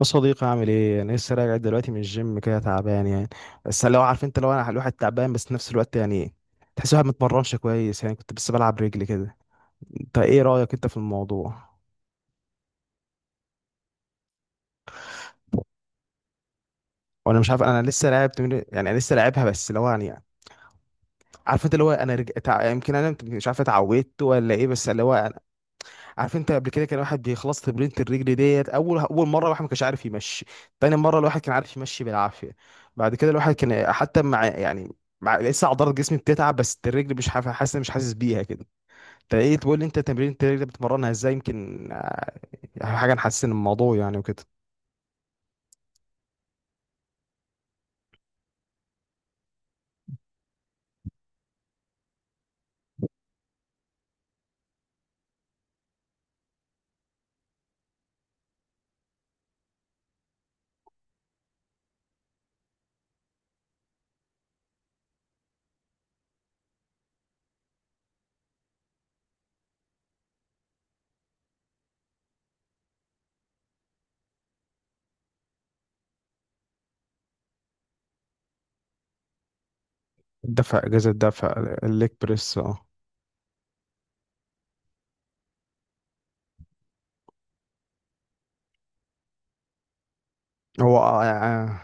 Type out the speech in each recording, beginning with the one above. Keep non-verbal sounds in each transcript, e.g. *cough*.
يا صديقي، عامل ايه؟ انا لسه راجع دلوقتي من الجيم، كده تعبان يعني. بس لو عارف، انت لو انا الواحد تعبان بس في نفس الوقت يعني تحس الواحد متمرنش كويس. يعني كنت بس بلعب رجلي كده. انت ايه رايك انت في الموضوع؟ وانا مش عارف، انا لسه لاعب تمرين يعني. انا لسه لاعبها بس اللي هو يعني. عارف انت اللي هو انا يمكن مش عارف اتعودت ولا ايه، بس اللي هو. عارف انت قبل كده كان واحد بيخلص تمرينة الرجل ديت، اول اول مره الواحد ما كانش عارف يمشي. تاني مره الواحد كان عارف يمشي بالعافيه. بعد كده الواحد كان حتى مع يعني، مع لسه عضلات جسمي بتتعب، بس الرجل مش حاسس بيها كده. انت ايه تقول لي؟ انت تمرين الرجل بتمرنها ازاي يمكن؟ يعني حاجه نحسن الموضوع يعني وكده. الدفع اجازه الدفع، الليج بريس، اه. هو، آه، آه، آه،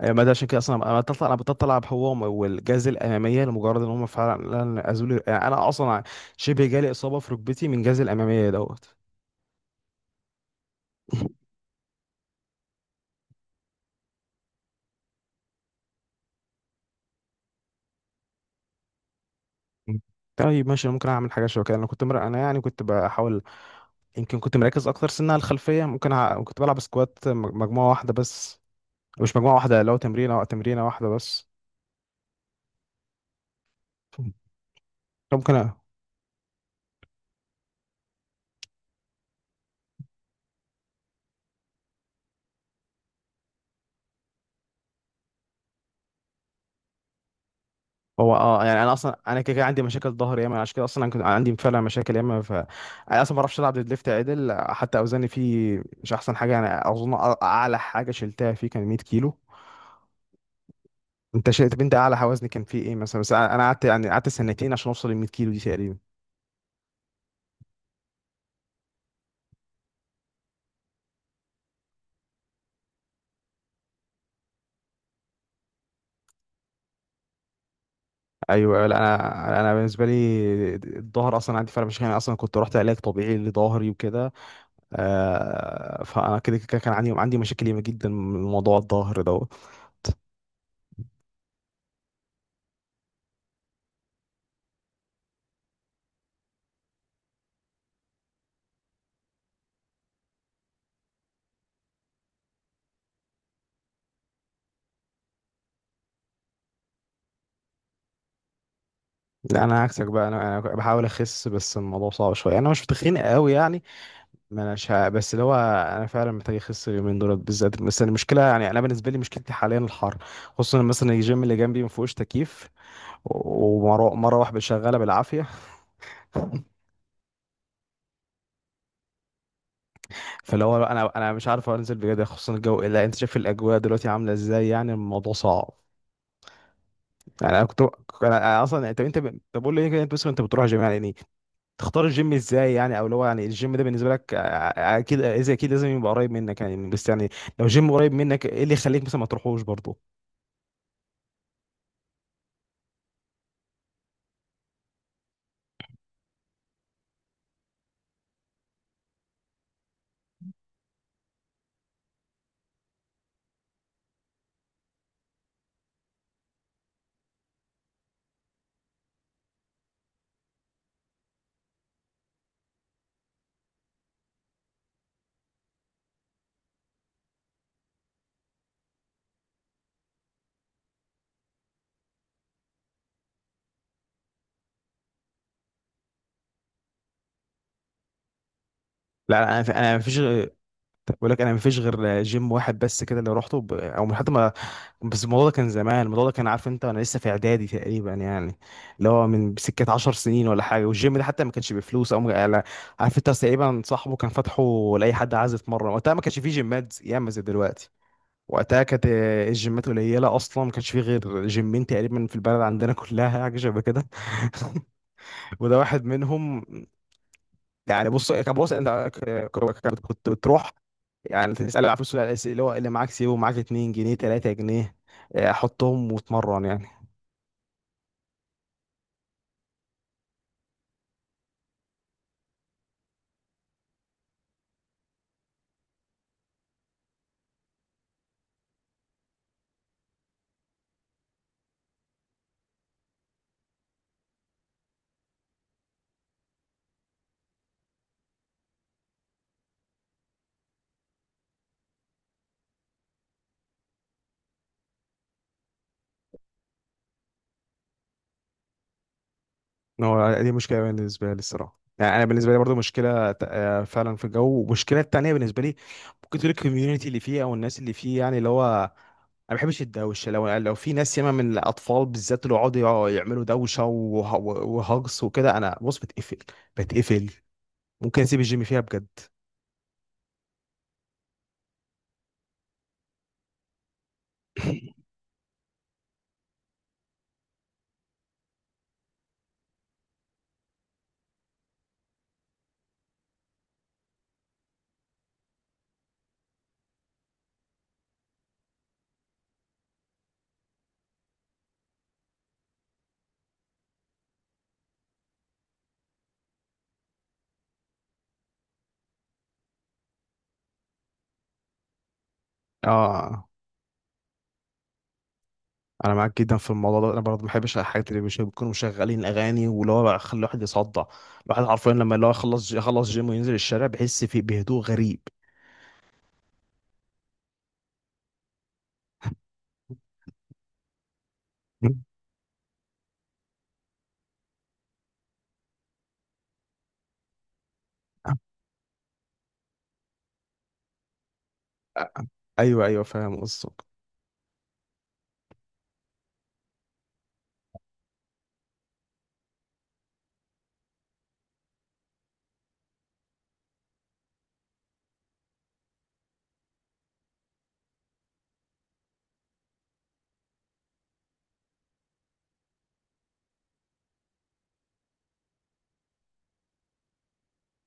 يعني ما ده عشان كده اصلا انا بطلع، العب هو والجاز الاماميه، لمجرد ان هم فعلا ازولي يعني. انا اصلا شبه جالي اصابه في ركبتي من جاز الاماميه دوت. مم. طيب ماشي، أنا ممكن اعمل حاجه شبه كده. انا كنت انا يعني كنت بحاول. يمكن كنت مركز اكتر سنه على الخلفيه. ممكن كنت بلعب سكوات مجموعه واحده بس. مش مجموعه واحده، لو تمرينه واحده بس. ممكن أ... هو يعني انا اصلا، انا كده كده عندي مشاكل ظهر ياما. عشان كده اصلا انا كنت عندي فعلا مشاكل ياما، ف انا اصلا ما بعرفش العب ديد ليفت عدل. حتى اوزاني فيه مش احسن حاجه يعني. اظن اعلى حاجه شلتها فيه كان 100 كيلو. انت شلت طب انت اعلى وزن كان فيه ايه مثلا؟ بس انا قعدت، سنتين عشان اوصل ل 100 كيلو دي تقريبا. ايوه، أيوة، لا. انا بالنسبه لي، الظهر اصلا عندي فرق، مش يعني. اصلا كنت رحت علاج طبيعي لظهري وكده. فانا كده كده كان عندي مشاكل ياما جدا من موضوع الظهر ده. لا انا عكسك بقى، انا بحاول اخس بس الموضوع صعب شويه، انا مش تخين قوي يعني. ما انا شا... بس اللي هو انا فعلا محتاج اخس اليومين دول بالذات. بس المشكله يعني، انا بالنسبه لي مشكلتي حاليا الحر. خصوصا مثلا الجيم اللي جنبي ما فيهوش تكييف، ومره واحده شغاله بالعافيه. *laughs* فاللي هو انا مش عارف انزل بجد، خصوصا الجو. الا انت شايف الاجواء دلوقتي عامله ازاي؟ يعني الموضوع صعب. يعني انا اصلا، طب قول لي كده. انت مثلا، انت بتروح جيم يعني إيه؟ تختار الجيم ازاي يعني؟ او اللي هو يعني الجيم ده بالنسبه لك اكيد، اذا لازم يبقى قريب منك يعني. بس يعني لو جيم قريب منك، ايه اللي يخليك مثلا ما تروحوش برضه؟ لا انا مفيش. طب بقول لك انا مفيش غير جيم واحد بس كده، اللي روحته او من حتى ما. بس الموضوع ده كان زمان. الموضوع ده كان، عارف انت، وانا لسه في اعدادي تقريبا يعني. اللي هو من سكه 10 سنين ولا حاجه. والجيم ده حتى ما كانش بفلوس او على، عارف انت، تقريبا صاحبه كان فاتحه لاي حد عايز يتمرن. وقتها ما كانش فيه جيمات ياما زي دلوقتي. وقتها كانت الجيمات قليله اصلا. ما كانش فيه غير جيمين تقريبا في البلد عندنا كلها، حاجه شبه كده. *laughs* وده واحد منهم. يعني بص، كان بص انت كنت بتروح يعني. تسأل على فلوس اللي هو اللي معاك، سيبه معاك، 2 جنيه 3 جنيه، آه، حطهم واتمرن يعني. هو دي مشكلة بالنسبة لي الصراحة يعني. أنا بالنسبة لي برضو مشكلة فعلا في الجو. والمشكلة التانية بالنسبة لي، ممكن تقول الكوميونتي اللي فيه أو الناس اللي فيه. يعني اللي هو أنا ما بحبش الدوشة. لو في ناس ياما، من الأطفال بالذات، اللي يقعدوا يعملوا دوشة وهجص وكده، أنا، بص، بتقفل. ممكن أسيب الجيم فيها بجد. اه، انا معاك جدا في الموضوع ده. انا برضه ما بحبش الحاجات اللي مش بيكونوا مشغلين اغاني، واللي هو يخلي الواحد يصدع. الواحد حرفيا لما اللي هو يخلص جيم وينزل الشارع بيحس في بهدوء غريب. *laughs* مم. ايوه، ايوه، فاهم قصدك.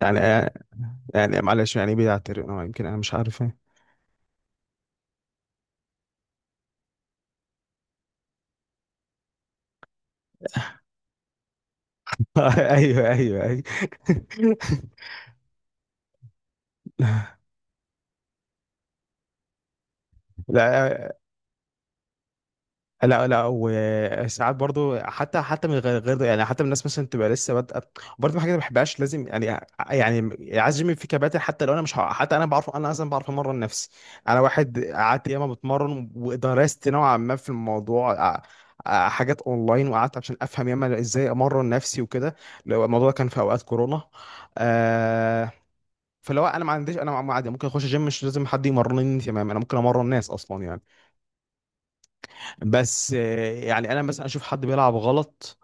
يعني يعني معلش، يعني ايه بيعترف؟ يمكن انا مش عارف إيه. *laughs* ايوه، ايوه، ايوه. *laughs* لا، لا، لا، وساعات برضو حتى من غير يعني. حتى من الناس مثلا تبقى لسه بادئه برضو، من حاجه ما بحبهاش. لازم يعني، يعني عايز جيم في كباتن. حتى لو انا مش حتى انا بعرف، انا اصلا بعرف امرن نفسي. انا واحد قعدت ياما بتمرن، ودرست نوعا ما في الموضوع حاجات اونلاين. وقعدت عشان افهم ياما ازاي امرن نفسي وكده. لو الموضوع ده كان في اوقات كورونا، آه فلو انا ما عنديش، انا عادي ممكن اخش جيم، مش لازم حد يمرنني، تمام. انا ممكن امرن ناس اصلا يعني. بس يعني انا مثلا اشوف حد بيلعب غلط،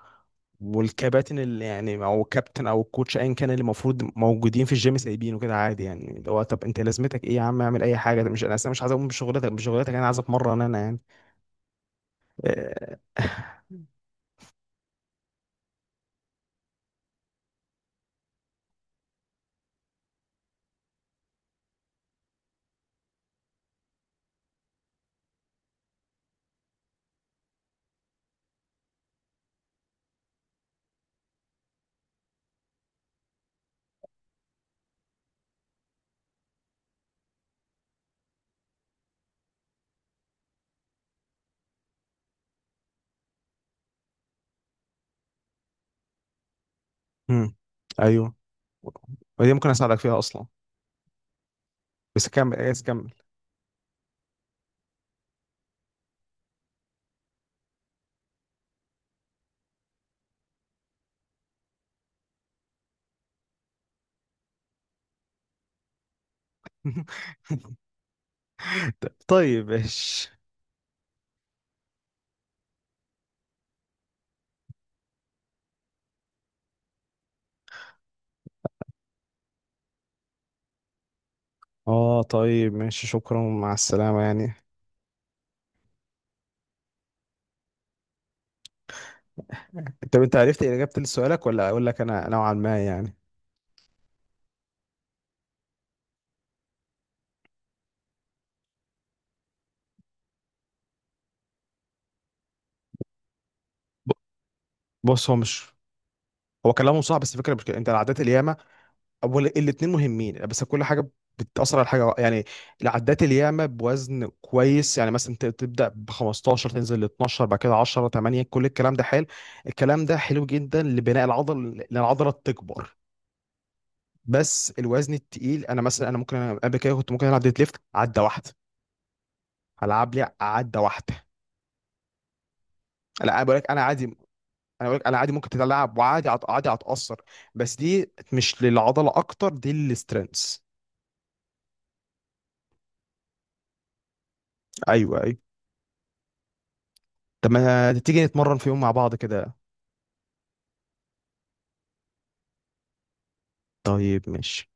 والكباتن اللي يعني، او الكابتن او الكوتش ايا كان، اللي المفروض موجودين في الجيم، سايبينه كده عادي يعني. اللي هو طب انت لازمتك ايه يا عم؟ اعمل اي حاجه. ده مش، انا اصلا مش عايز اقوم بشغلتك. انا عايز اتمرن انا يعني. آه، مم. ايوه، ودي ممكن اساعدك فيها اصلا. بس كمل، بس كمل. *laughs* طيب ماشي. اه، طيب ماشي، شكرا، مع السلامه يعني. طب انت عرفت اجابه لسؤالك، ولا اقول لك انا نوعا ما يعني؟ ب- بص، هو مش هو كلامه صح، بس الفكره مش كده. انت العادات الياما، اول الاثنين مهمين، بس كل حاجه بتاثر على حاجه يعني. العدات الياما بوزن كويس، يعني مثلا تبدا ب 15 تنزل ل 12 بعد كده 10 8. كل الكلام ده حلو. الكلام ده حلو جدا لبناء العضل، لان العضله تكبر. بس الوزن التقيل، انا مثلا، انا ممكن انا قبل كده كنت ممكن العب ديد ليفت عده واحده. العب لي عده واحده. لا، انا بقول لك انا عادي ممكن تتلعب، وعادي عادي هتاثر. بس دي مش للعضله اكتر، دي للسترينث. ايوه، ايوه. طب ما تيجي نتمرن في يوم مع بعض كده؟ طيب ماشي.